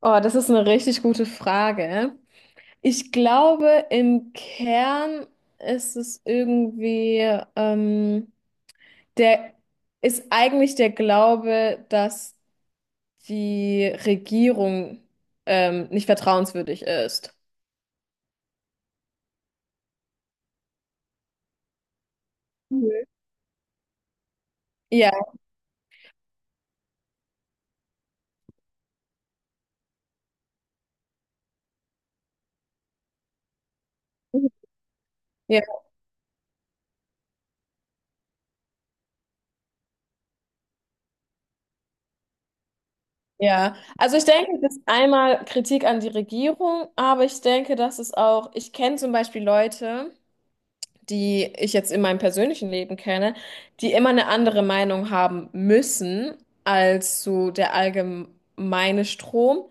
Oh, das ist eine richtig gute Frage. Ich glaube, im Kern ist es irgendwie, ähm, der ist eigentlich der Glaube, dass die Regierung nicht vertrauenswürdig ist. Mhm. Ja, ja, ja. Also ich denke, das ist einmal Kritik an die Regierung, aber ich denke, dass es auch, ich kenne zum Beispiel Leute, die ich jetzt in meinem persönlichen Leben kenne, die immer eine andere Meinung haben müssen als so der allgemeine Strom.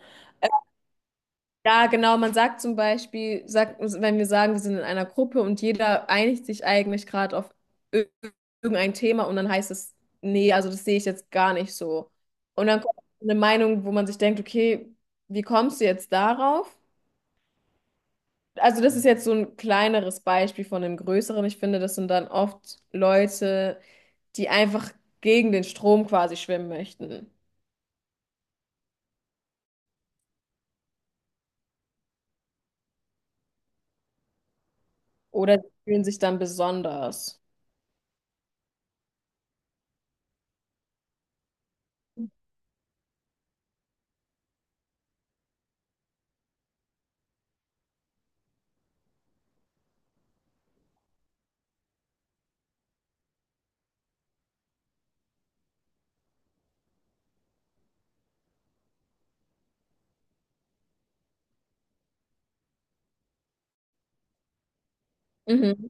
Ja, genau, man sagt zum Beispiel, sagt, wenn wir sagen, wir sind in einer Gruppe und jeder einigt sich eigentlich gerade auf ir- irgendein Thema und dann heißt es, nee, also das sehe ich jetzt gar nicht so. Und dann kommt eine Meinung, wo man sich denkt, okay, wie kommst du jetzt darauf? Also das ist jetzt so ein kleineres Beispiel von einem größeren. Ich finde, das sind dann oft Leute, die einfach gegen den Strom quasi schwimmen möchten. Oder sie fühlen sich dann besonders. Mhm.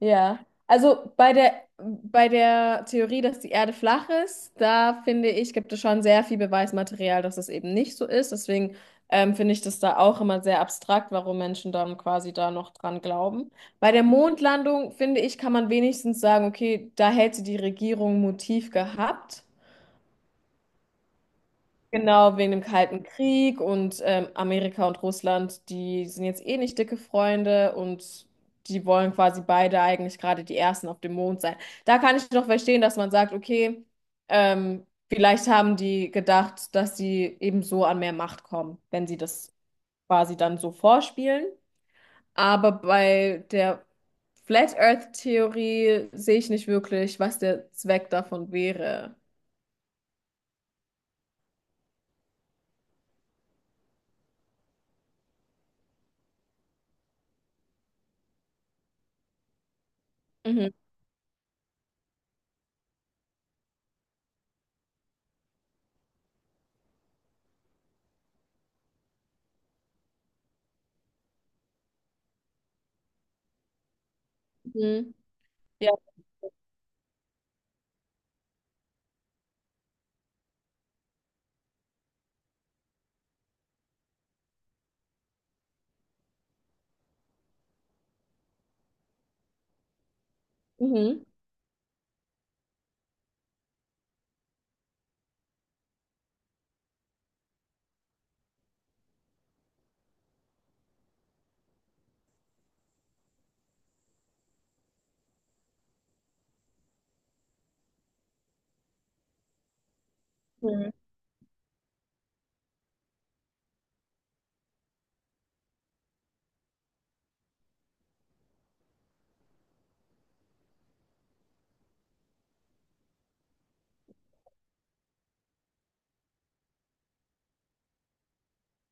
Ja. Also bei der Theorie, dass die Erde flach ist, da finde ich, gibt es schon sehr viel Beweismaterial, dass es eben nicht so ist. Deswegen finde ich das da auch immer sehr abstrakt, warum Menschen dann quasi da noch dran glauben. Bei der Mondlandung, finde ich, kann man wenigstens sagen, okay, da hätte die Regierung ein Motiv gehabt. Genau, wegen dem Kalten Krieg und Amerika und Russland, die sind jetzt eh nicht dicke Freunde und die wollen quasi beide eigentlich gerade die Ersten auf dem Mond sein. Da kann ich noch verstehen, dass man sagt, okay, vielleicht haben die gedacht, dass sie eben so an mehr Macht kommen, wenn sie das quasi dann so vorspielen. Aber bei der Flat Earth Theorie sehe ich nicht wirklich, was der Zweck davon wäre. Mhm. Mhm. Ja. Mhm.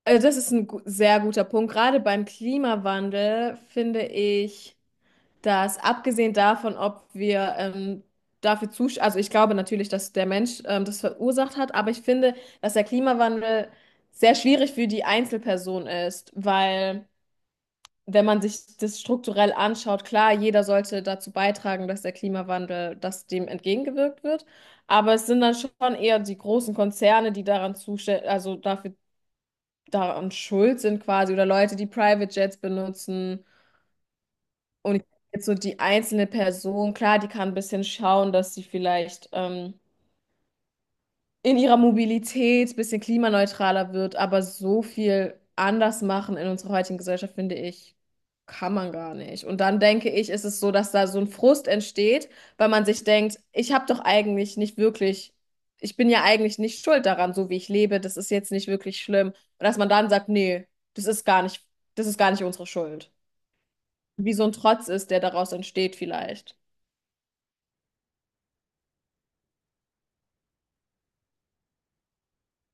Also das ist ein gu sehr guter Punkt. Gerade beim Klimawandel finde ich, dass abgesehen davon, ob wir also ich glaube natürlich, dass der Mensch das verursacht hat, aber ich finde, dass der Klimawandel sehr schwierig für die Einzelperson ist, weil wenn man sich das strukturell anschaut, klar, jeder sollte dazu beitragen, dass der Klimawandel, dass dem entgegengewirkt wird, aber es sind dann schon eher die großen Konzerne, also dafür daran schuld sind quasi oder Leute, die Private Jets benutzen. Und jetzt so die einzelne Person, klar, die kann ein bisschen schauen, dass sie vielleicht in ihrer Mobilität ein bisschen klimaneutraler wird, aber so viel anders machen in unserer heutigen Gesellschaft, finde ich, kann man gar nicht. Und dann denke ich, ist es so, dass da so ein Frust entsteht, weil man sich denkt, ich habe doch eigentlich nicht wirklich, ich bin ja eigentlich nicht schuld daran, so wie ich lebe, das ist jetzt nicht wirklich schlimm. Und dass man dann sagt, nee, das ist gar nicht, das ist gar nicht unsere Schuld. Wie so ein Trotz ist, der daraus entsteht vielleicht.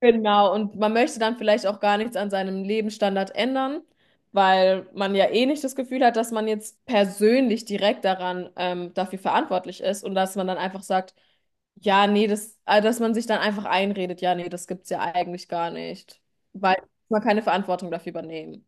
Genau, und man möchte dann vielleicht auch gar nichts an seinem Lebensstandard ändern, weil man ja eh nicht das Gefühl hat, dass man jetzt persönlich direkt daran dafür verantwortlich ist und dass man dann einfach sagt, ja, nee, dass man sich dann einfach einredet, ja, nee, das gibt's ja eigentlich gar nicht, weil man keine Verantwortung dafür übernehmen.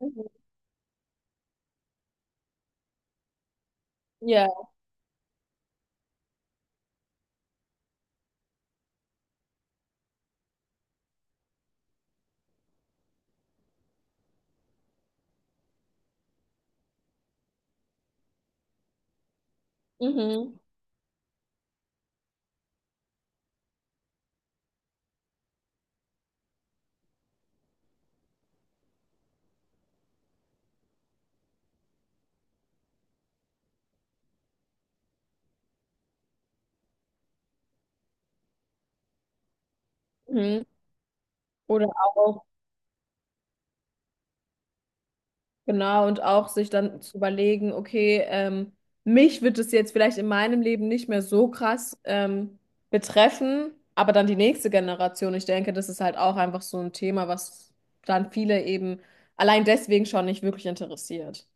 Mhm. Ja, mhm. Mhm. Oder auch. Genau, und auch sich dann zu überlegen, okay, mich wird es jetzt vielleicht in meinem Leben nicht mehr so krass betreffen, aber dann die nächste Generation. Ich denke, das ist halt auch einfach so ein Thema, was dann viele eben allein deswegen schon nicht wirklich interessiert.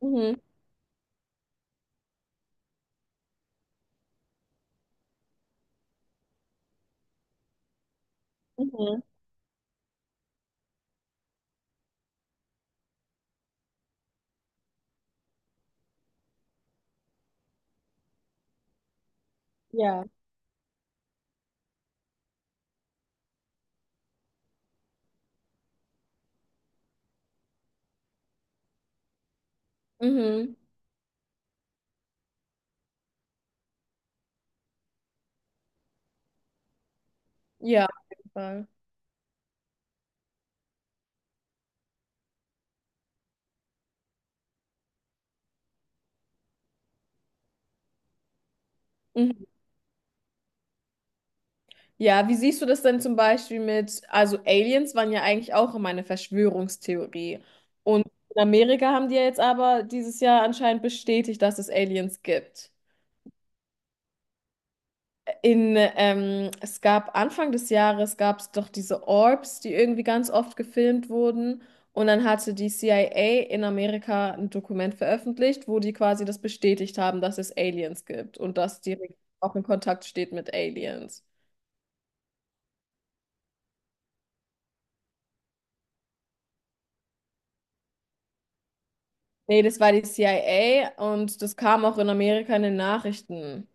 Mhm. Mhm. Ja. Mhm. Ja, auf jeden Fall. Mhm. Ja, wie siehst du das denn zum Beispiel mit, also Aliens waren ja eigentlich auch immer eine Verschwörungstheorie. Und in Amerika haben die ja jetzt aber dieses Jahr anscheinend bestätigt, dass es Aliens gibt. Es gab Anfang des Jahres gab es doch diese Orbs, die irgendwie ganz oft gefilmt wurden. Und dann hatte die CIA in Amerika ein Dokument veröffentlicht, wo die quasi das bestätigt haben, dass es Aliens gibt und dass die Regierung auch in Kontakt steht mit Aliens. Nee, das war die CIA und das kam auch in Amerika in den Nachrichten.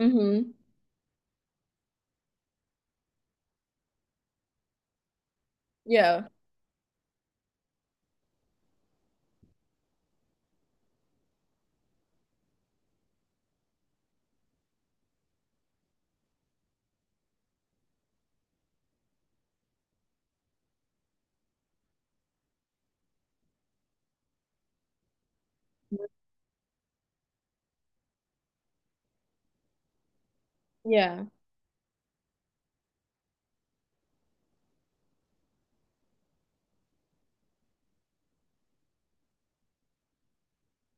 Mhm. Ja, ja.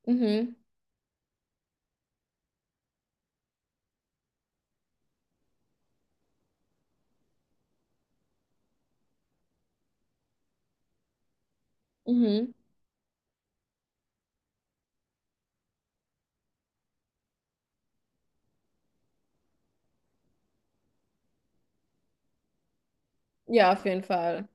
Mhm. Mhm. Ja, auf jeden Fall.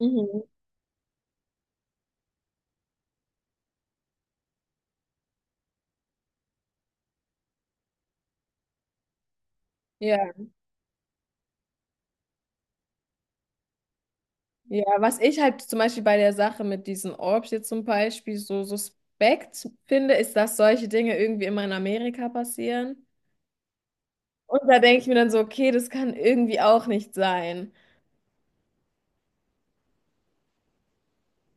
Mhm. Ja, ja. Was ich halt zum Beispiel bei der Sache mit diesen Orbs jetzt zum Beispiel so suspekt finde, ist, dass solche Dinge irgendwie immer in Amerika passieren. Und da denke ich mir dann so, okay, das kann irgendwie auch nicht sein.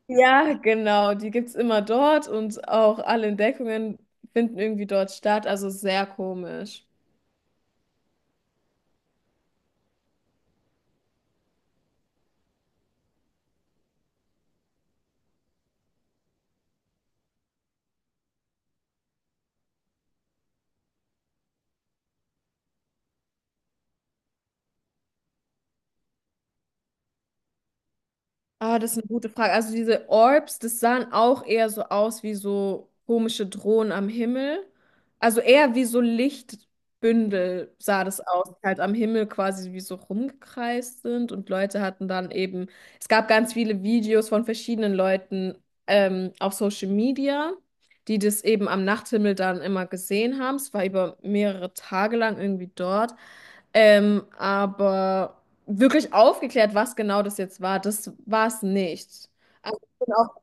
Ja, genau, die gibt es immer dort und auch alle Entdeckungen finden irgendwie dort statt, also sehr komisch. Ah, das ist eine gute Frage. Also diese Orbs, das sahen auch eher so aus wie so komische Drohnen am Himmel. Also eher wie so Lichtbündel sah das aus, die halt am Himmel quasi wie so rumgekreist sind und Leute hatten dann eben, es gab ganz viele Videos von verschiedenen Leuten auf Social Media, die das eben am Nachthimmel dann immer gesehen haben. Es war über mehrere Tage lang irgendwie dort. Aber wirklich aufgeklärt, was genau das jetzt war. Das war es nicht. Also, ich bin auch-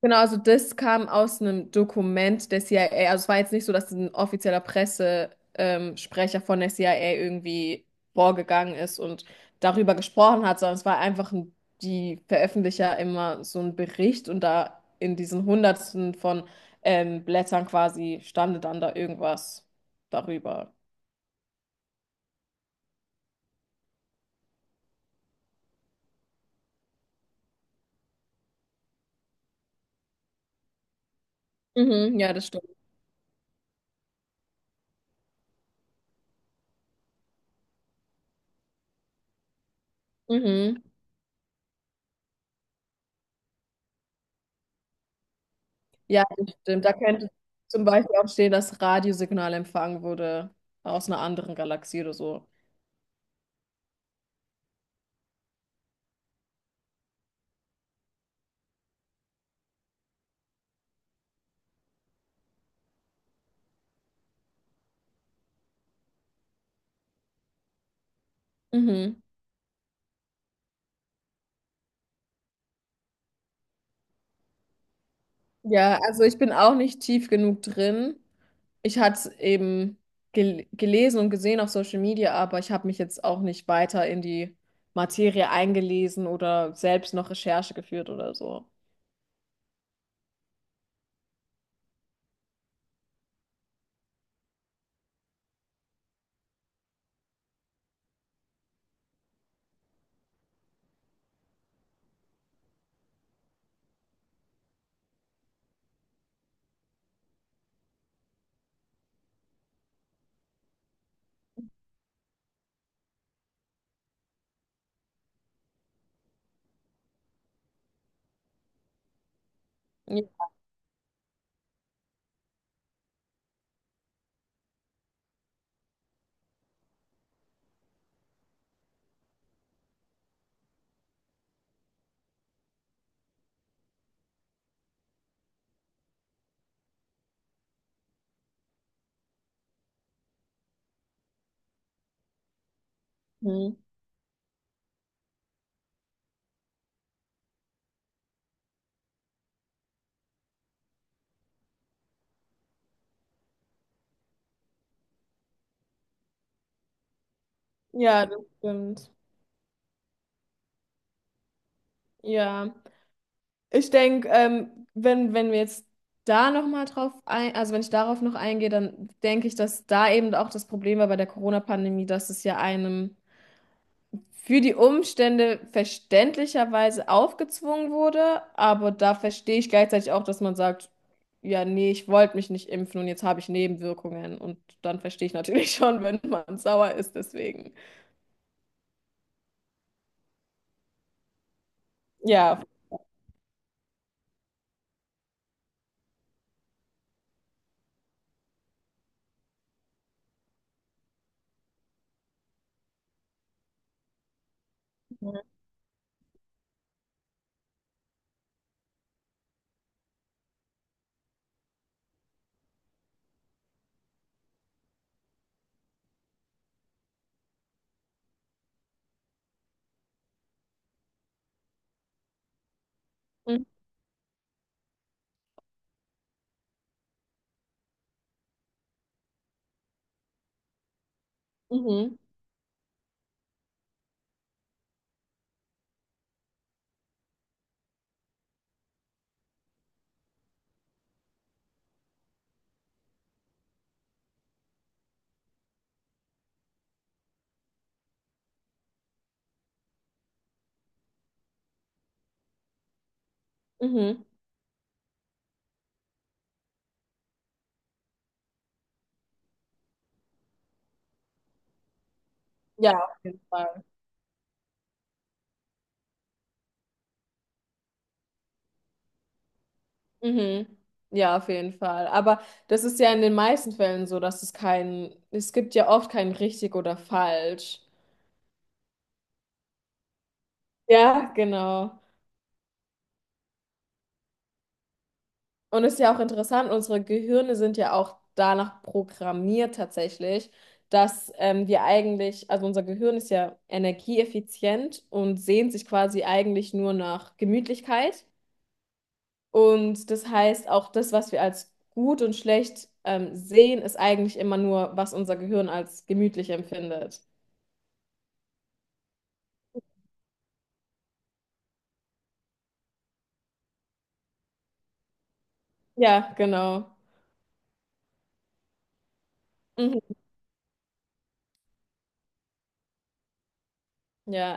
genau, also das kam aus einem Dokument der CIA. Also es war jetzt nicht so, dass ein offizieller Pressesprecher Sprecher von der CIA irgendwie vorgegangen ist und darüber gesprochen hat, sondern es war einfach ein, die veröffentlichen ja immer so einen Bericht und da in diesen Hundertsten von Blättern quasi stande dann da irgendwas darüber. Mhm, ja, das stimmt. Mhm. Ja, das stimmt. Da könnte zum Beispiel auch stehen, dass Radiosignal empfangen wurde aus einer anderen Galaxie oder so. Mhm. Ja, also ich bin auch nicht tief genug drin. Ich hatte es eben gelesen und gesehen auf Social Media, aber ich habe mich jetzt auch nicht weiter in die Materie eingelesen oder selbst noch Recherche geführt oder so. Mhm. Ja, das stimmt. Ja. Ich denke, wenn wir jetzt da nochmal drauf ein, also wenn ich darauf noch eingehe, dann denke ich, dass da eben auch das Problem war bei der Corona-Pandemie, dass es ja einem für die Umstände verständlicherweise aufgezwungen wurde, aber da verstehe ich gleichzeitig auch, dass man sagt, ja, nee, ich wollte mich nicht impfen und jetzt habe ich Nebenwirkungen und dann verstehe ich natürlich schon, wenn man sauer ist, deswegen. Ja. Mhm. Mhm. Mhm. Ja, auf jeden Fall. Mhm. Ja, auf jeden Fall. Aber das ist ja in den meisten Fällen so, dass es kein, es gibt ja oft kein richtig oder falsch. Ja, genau. Und es ist ja auch interessant, unsere Gehirne sind ja auch danach programmiert tatsächlich, dass wir eigentlich, also unser Gehirn ist ja energieeffizient und sehnt sich quasi eigentlich nur nach Gemütlichkeit. Und das heißt, auch das, was wir als gut und schlecht sehen, ist eigentlich immer nur, was unser Gehirn als gemütlich empfindet. Ja, genau. Mhm. Ja.